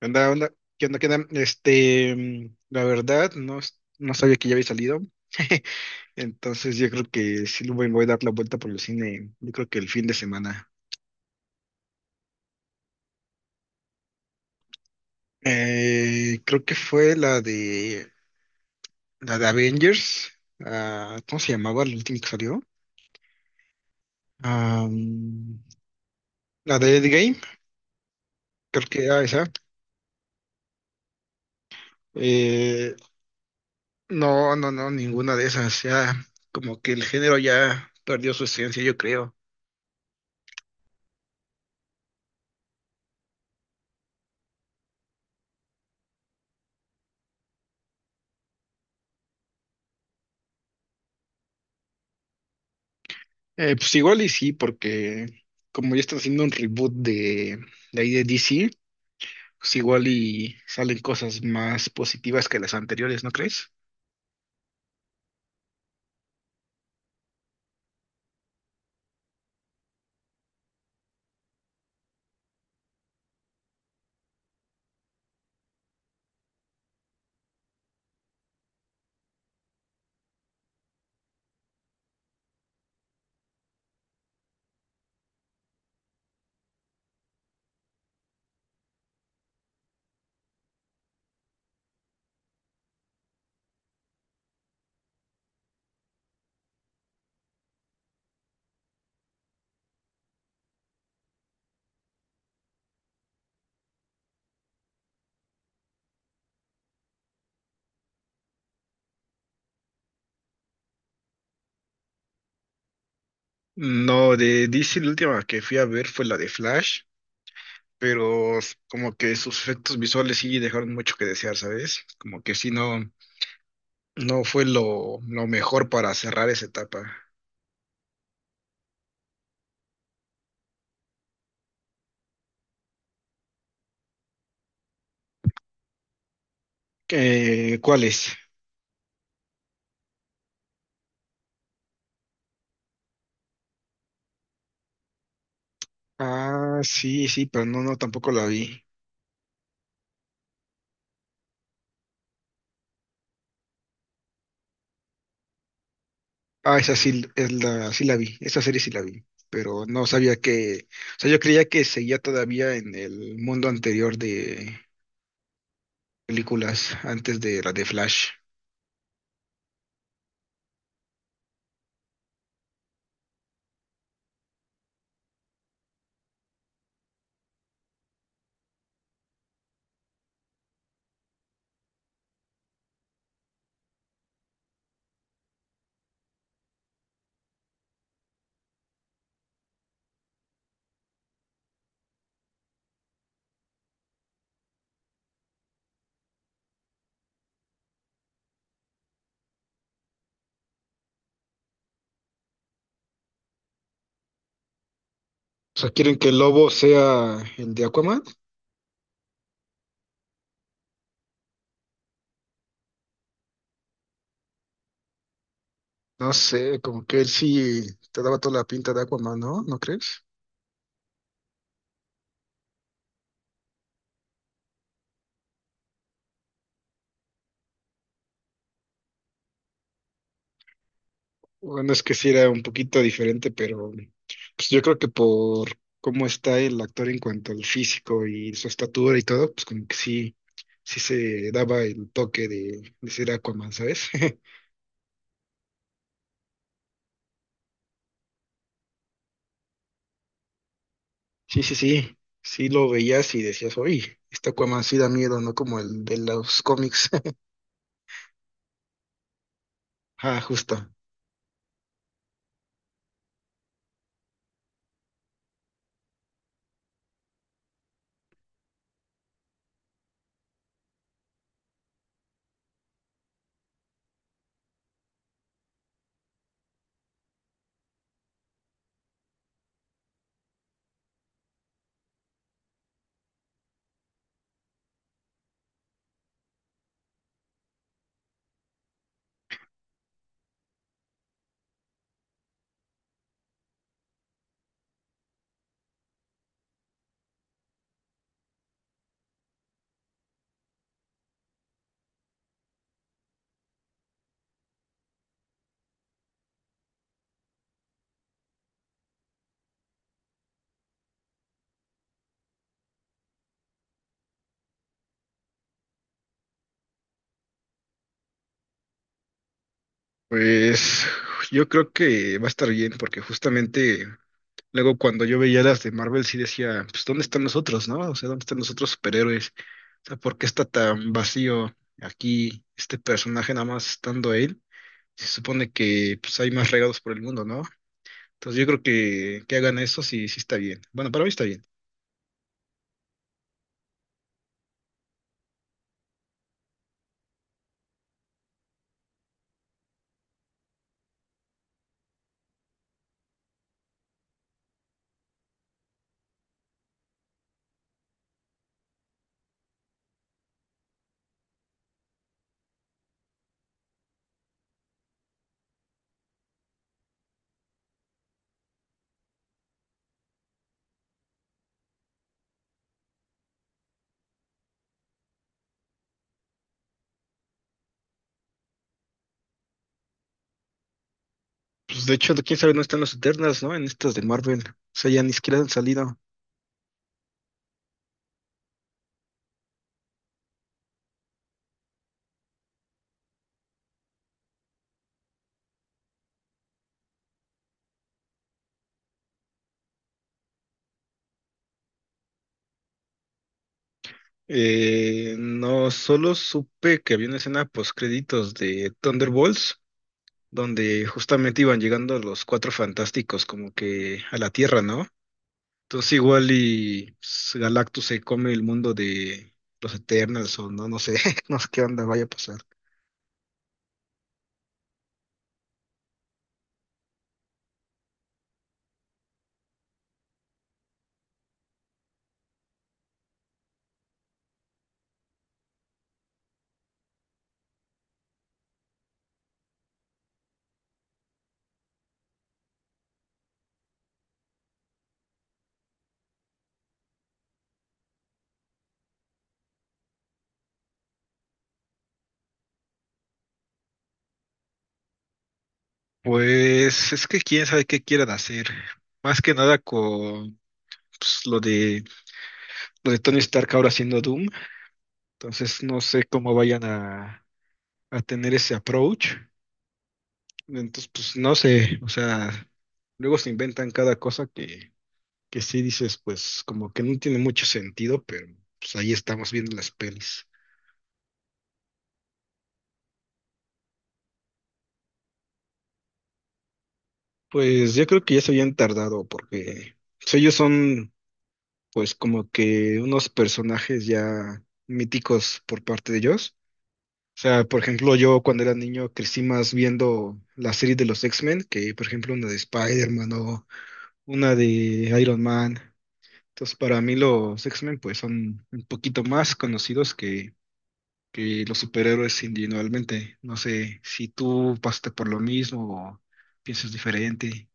¿Qué onda, onda? ¿Qué onda, qué onda? La verdad, no, no sabía que ya había salido. Entonces yo creo que sí le voy, voy a dar la vuelta por el cine, yo creo que el fin de semana. Creo que fue la de Avengers. Ah, ¿cómo se llamaba el último que salió? Ah, mm, la de Endgame, creo que era esa. Eh, no, no, no, ninguna de esas. Ya, como que el género ya perdió su esencia, yo creo. Pues igual y sí, porque como ya están haciendo un reboot de ahí de DC, pues igual y salen cosas más positivas que las anteriores, ¿no crees? No, de DC la última que fui a ver fue la de Flash, pero como que sus efectos visuales sí dejaron mucho que desear, ¿sabes? Como que sí no, no fue lo mejor para cerrar esa etapa. ¿Cuál es? Ah, sí, sí, pero no, no, tampoco la vi. Ah, esa sí, sí la vi, esa serie sí la vi, pero no sabía que, o sea, yo creía que seguía todavía en el mundo anterior de películas, antes de la de Flash. O sea, ¿quieren que el lobo sea el de Aquaman? No sé, como que él sí te daba toda la pinta de Aquaman, ¿no? ¿No crees? Bueno, es que sí era un poquito diferente, pero pues yo creo que por cómo está el actor en cuanto al físico y su estatura y todo, pues como que sí, sí se daba el toque de ser Aquaman, ¿sabes? Sí, sí, sí, sí lo veías y decías, oye, este Aquaman sí da miedo, ¿no? Como el de los cómics. Ah, justo. Pues yo creo que va a estar bien porque justamente luego cuando yo veía las de Marvel sí decía, pues ¿dónde están nosotros, no? O sea, ¿dónde están los otros superhéroes? O sea, ¿por qué está tan vacío aquí este personaje nada más estando él? Se supone que pues hay más regados por el mundo, ¿no? Entonces yo creo que hagan eso sí, sí está bien. Bueno, para mí está bien. Pues de hecho, quién sabe, no están los Eternas, ¿no? En estas de Marvel. O sea, ya ni siquiera han salido. No, solo supe que había una escena post créditos de Thunderbolts donde justamente iban llegando los cuatro fantásticos como que a la Tierra, ¿no? Entonces igual y pues, Galactus se come el mundo de los Eternals o no, no sé, no sé qué onda vaya a pasar. Pues es que quién sabe qué quieran hacer. Más que nada con pues, lo de Tony Stark ahora haciendo Doom. Entonces no sé cómo vayan a tener ese approach. Entonces, pues no sé, o sea, luego se inventan cada cosa que sí dices, pues como que no tiene mucho sentido, pero pues ahí estamos viendo las pelis. Pues yo creo que ya se habían tardado porque pues, ellos son pues como que unos personajes ya míticos por parte de ellos. O sea, por ejemplo, yo cuando era niño crecí más viendo la serie de los X-Men, que por ejemplo una de Spider-Man o una de Iron Man. Entonces, para mí los X-Men pues son un poquito más conocidos que los superhéroes individualmente. No sé si tú pasaste por lo mismo o piensas diferente.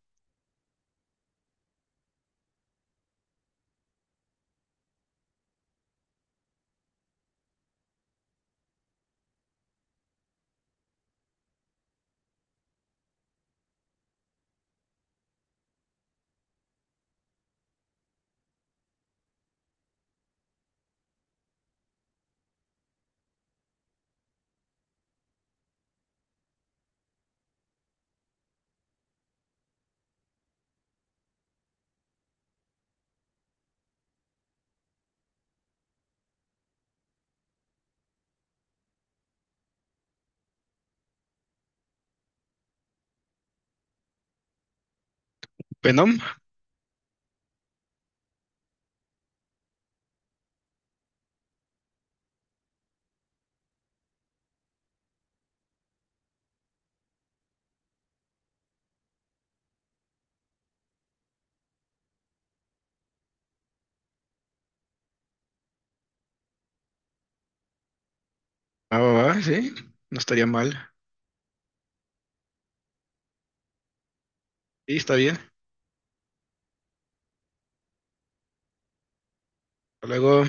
Venom, ah, va, va, sí, no estaría mal. Sí, está bien. Hasta luego.